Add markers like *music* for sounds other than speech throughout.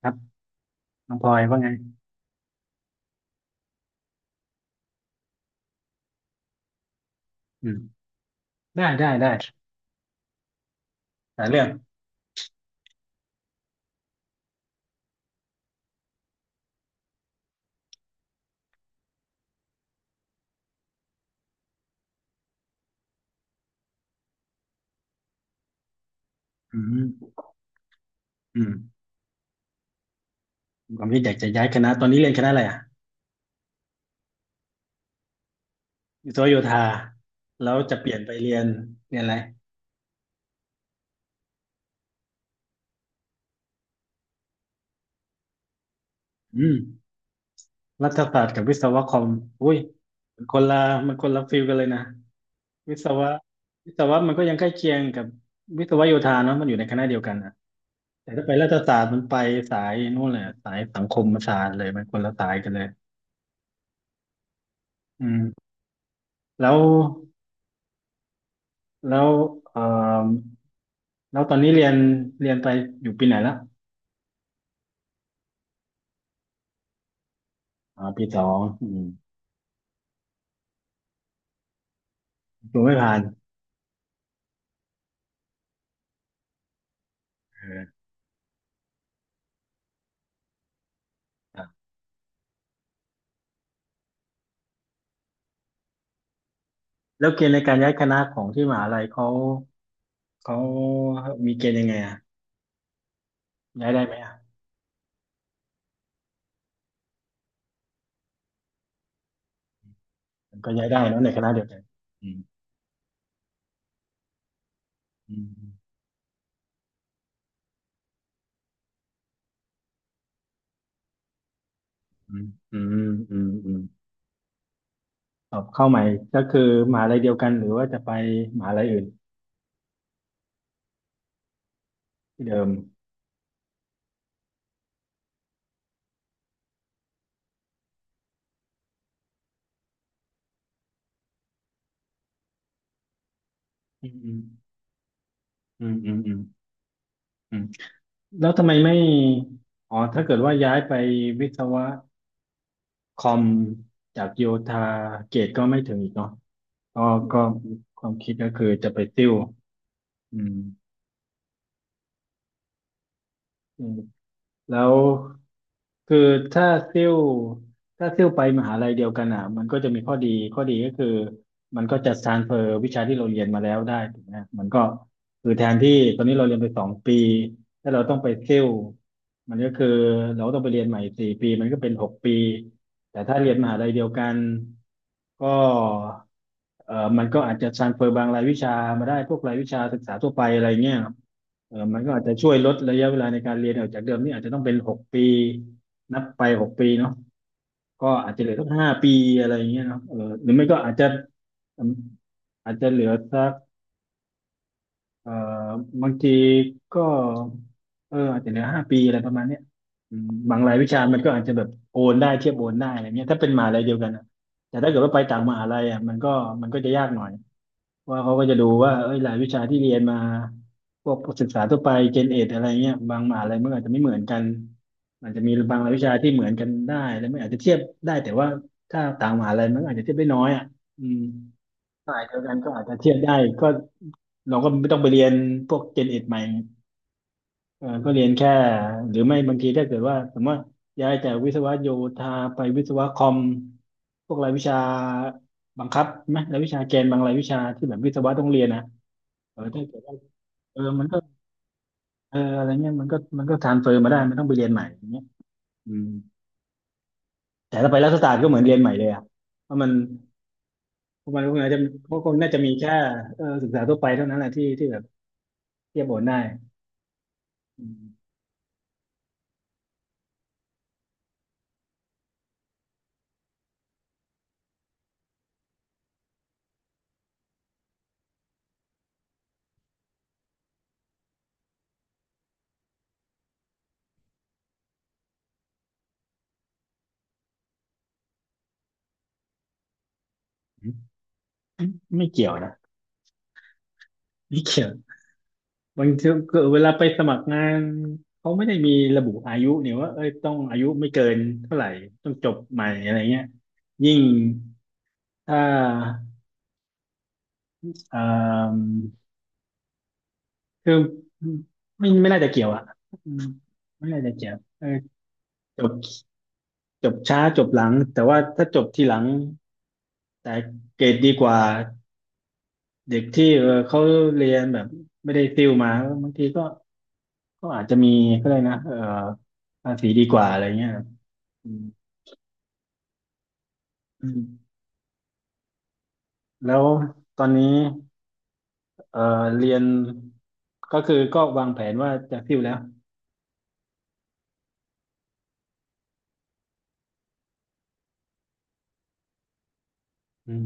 ครับน้องพลอยว่าไงอืมได้ได้ได้หลายเรื่องอืมอืมผมคิดอยากจะย้ายคณะตอนนี้เรียนคณะอะไรอ่ะวิศวโยธาแล้วจะเปลี่ยนไปเรียนเรียนอะไรอืมรัฐศาสตร์กับวิศวะคอมอุ้ยมันคนละมันคนละฟิลกันเลยนะวิศวะวิศวะมันก็ยังใกล้เคียงกับวิศวโยธาเนาะมันอยู่ในคณะเดียวกันนะแต่ถ้าไปรัฐศาสตร์มันไปสายนู่นเลยอะสายสังคมศาสตร์เลยมันคนละสายกันเลยอืมแล้วแล้วเอ่อ แล้วตอนนี้เรียนเรียนไปอยู่ปีไหนแล้วอ๋าปีสองอืมดูไม่ผ่านเออครับแล้วเกณฑ์ในการย้ายคณะของที่มหาลัยเขาเขามีเกณฑ์ยังไงอ่ะย้ายได้ไหมอ่ะมันก็ย้ายได้เนอะในคณะเดียวกันอืมอืมอืมอืมอืมอืมสอบเข้าใหม่ก็คือมหาลัยเดียวกันหรือว่าจะไปมหาลัยอื่นที่เดิมอืมอืมอืมอืมอืมอืมแล้วทำไมไม่อ๋อถ้าเกิดว่าย้ายไปวิศวะ คอมจากโยธาเกรดก็ไม่ถึงอีกเนาะก็ก็ความคิดก็คือจะไปซิ่วอืมอืมแล้วคือถ้าซิ่วถ้าซิ่วไปมหาลัยเดียวกันอ่ะมันก็จะมีข้อดีข้อดีก็คือ มันก็จะ transfer วิชาที่เราเรียนมาแล้วได้ถูกไหมมันก็คือแทนที่ตอนนี้เราเรียนไปสองปีถ้าเราต้องไปซิ่วมันก็คือเราต้องไปเรียนใหม่สี่ปีมันก็เป็นหกปีแต่ถ้าเรียนมหาลัยเดียวกันก็เออมันก็อาจจะ transfer บางรายวิชามาได้พวกรายวิชาศึกษาทั่วไปอะไรเงี้ยครับเออมันก็อาจจะช่วยลดระยะเวลาในการเรียนออกจากเดิมนี่อาจจะต้องเป็นหกปีนับไปหกปีเนาะ ก็อาจจะเหลือสักห้าปีอะไรอย่างเงี้ยเนาะเออหรือไม่ก็อาจจะอืมอาจจะเหลือสักเอ่อบางทีก็เอออาจจะเหลือห้าปีอะไรประมาณเนี้ยอืมบางรายวิชามันก็อาจจะแบบโอนได้เทียบโอนได้อะไรเงี้ยถ้าเป็นมหาลัยเดียวกันนะแต่ถ้าเกิดว่าไปต่างมหาลัยอ่ะมันก็จะยากหน่อย ว่าเขาก็จะดูว่าเอ้ยรายวิชาที่เรียนมาพวกศึกษาทั่วไปเจนเอ็ดอะไรเงี้ยบางมหาลัยมันอาจจะไม่เหมือนกันอาจจะมีบางรายวิชาที่เหมือนกันได้แล้วไมันอาจจะเทียบได้แต่ว่าถ้าต่างมหาลัยมันอาจจะเทียบได้น้อยอ่ะอืมสายเดียวกันก็อาจจะเทียบได้ก็เราก็ไม่ต้องไปเรียนพวกเจนเอ็ดใหม่เออก็เรียนแค่หรือไม่บางทีถ้าเกิดว่าสมมติว่าย้ายจากวิศวะโยธาไปวิศวะคอมพวกรายวิชาบังคับไหมรายวิชาเกนบางรายวิชาที่แบบวิศวะต้องเรียนนะ เออถ้าเกิดว่าเออมันก็เอออะไรเงี้ยมันก็ทรานเฟอร์มาได้ไม่ต้องไปเรียนใหม่อย่างเงี้ยอืมแต่ถ้าไปรัฐศาสตร์ก็เหมือนเรียนใหม่เลยอ่ะเพราะมันเพราะมันก็คงอาจจะพวก็คงน่าจะมีแค่เออศึกษาทั่วไปเท่านั้นแหละที่ที่แบบเทียบโอนได้อืมไม่เกี่ยวนะไม่เกี่ยวบางทีก็เวลาไปสมัครงานเขาไม่ได้มีระบุอายุเนี่ยว่าเอ้ยต้องอายุไม่เกินเท่าไหร่ต้องจบใหม่อะไรเงี้ยยิ่งถ้าเอ่อ คือไม่น่าจะเกี่ยวอ่ะอืมไม่น่าจะเกี่ยวเออจบจบช้าจบหลังแต่ว่าถ้าจบทีหลังแต่เกรดดีกว่าเด็กที่เออเขาเรียนแบบไม่ได้ติวมาบางทีก็ก็อาจจะมีก็เลยนะเออภาษีดีกว่าอะไรเงี้ยอืมอืมแล้วตอนนี้เออเรียนก็คือก็วางแผนว่าจะติวแล้วอืม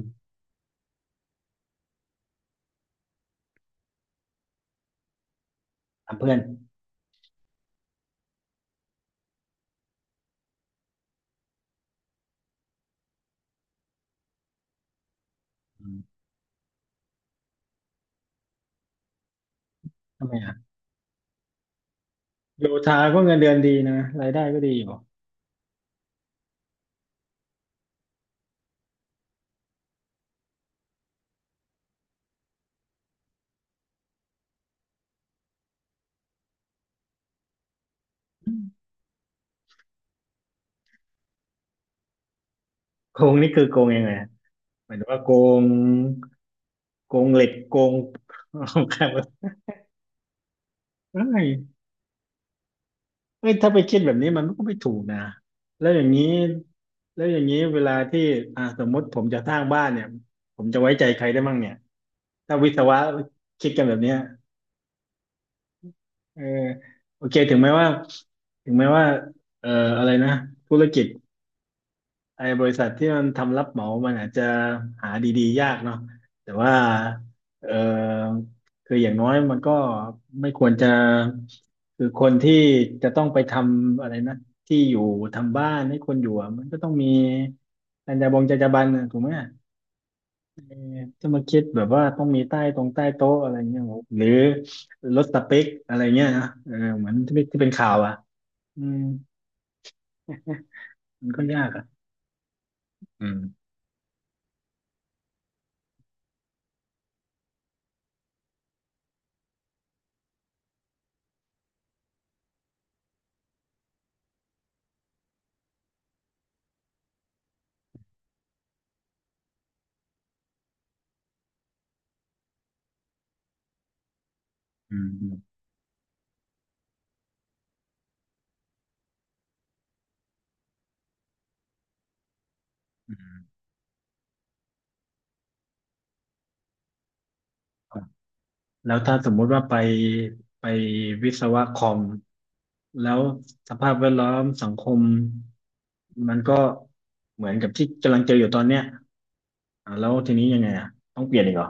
ถามเพื่อนอืมทำไมอ่ะโยธาก็เงินเดือนดีนะรายได้ก็ดีอยู่ โกงนี่คือโกงยังไงฮะหมายถึงว่าโกงโกงเหล็กโกง *laughs* ครับเอ้ยเอ้ยถ้าไปคิดแบบนี้มันก็ไม่ถูกนะ แล้วอย่างนี้แล้วอย่างนี้เวลาที่อ่าสมมติผมจะสร้างบ้านเนี่ย ผมจะไว้ใจใครได้มั่งเนี่ย ถ้าวิศวะคิดกันแบบเนี้ยเออโอเคถึงแม้ว่าเอ่ออะไรนะธุรกิจ ไอ้บริษัทที่มันทำรับเหมามันอาจจะหาดีๆยากเนาะแต่ว่าเออคืออย่างน้อยมันก็ไม่ควรจะคือคนที่จะต้องไปทำอะไรนะที่อยู่ทำบ้านให้คนอยู่อะมันก็ต้องมีจรรยาบงจรรยาบรรณอะถูกไหมจะมาคิดแบบว่าต้องมีใต้ตรงใต้โต๊ะอะไรเงี้ยโหหรือลดสเปคอะไรเงี้ยนะเออเหมือนที่เป็นข่าวอ่ะอืมมันก็ยากอ่ะอืมอืมอืมอืม แล้วถ้าสมมุติว่าไปวิศวะคอมแล้วสภาพแวดล้อมสังคมมันก็เหมือนกับที่กำลังเจออยู่ตอนเนี้ยอ่ะแล้วทีนี้ยังไงอ่ะต้องเปลี่ยนอีกเหรอ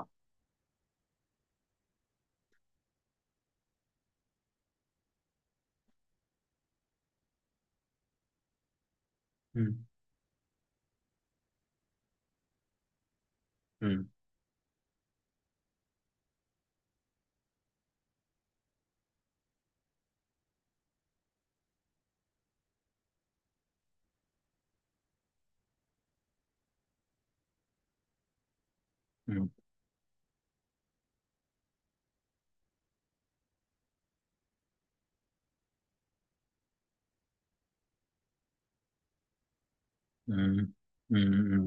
อืมอืมอืมอืมอืมอืม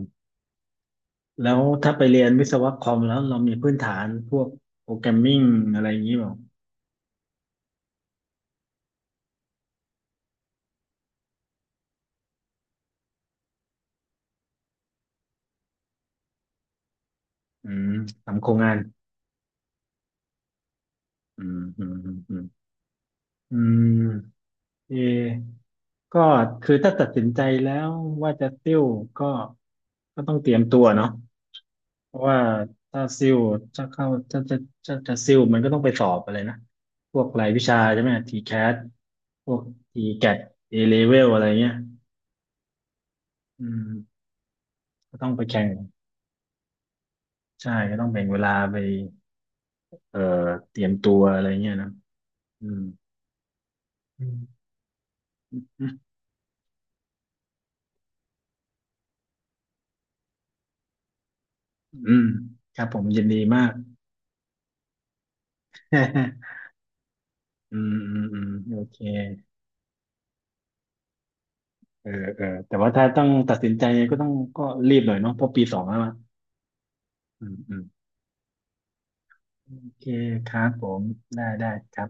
แล้วถ้าไปเรียนวิศวะคอมแล้วเรามีพื้นฐานพวกโปรแกรมมิ่งอะไรอย่างนี้เปล่าอืมทำโครงงานอืมอืมอืมอืม เออก็คือถ้าตัดสินใจแล้วว่าจะซิ่วก็ก็ต้องเตรียมตัวเนาะเพราะว่าถ้าซิ่วจะเข้าจะจะจะซิ่วมันก็ต้องไปสอบอะไรนะพวกรายวิชาใช่ไหมทีแคทพวกทีแกตเอเลเวลอะไรเงี้ยอืมก็ต้องไปแข่งใช่ก็ต้องแบ่งเวลาไปเอ่อเตรียมตัวอะไรเงี้ยนะืมอืมอืมอืมครับผมยินดีมาก *laughs* อืมอืมอืมโอเค เออเออแต่ว่าถ้าต้องตัดสินใจก็ต้องก็รีบหน่อยเนาะเพราะปีสองแล้วอะอืมอืมโอเคครับผมได้ได้ครับ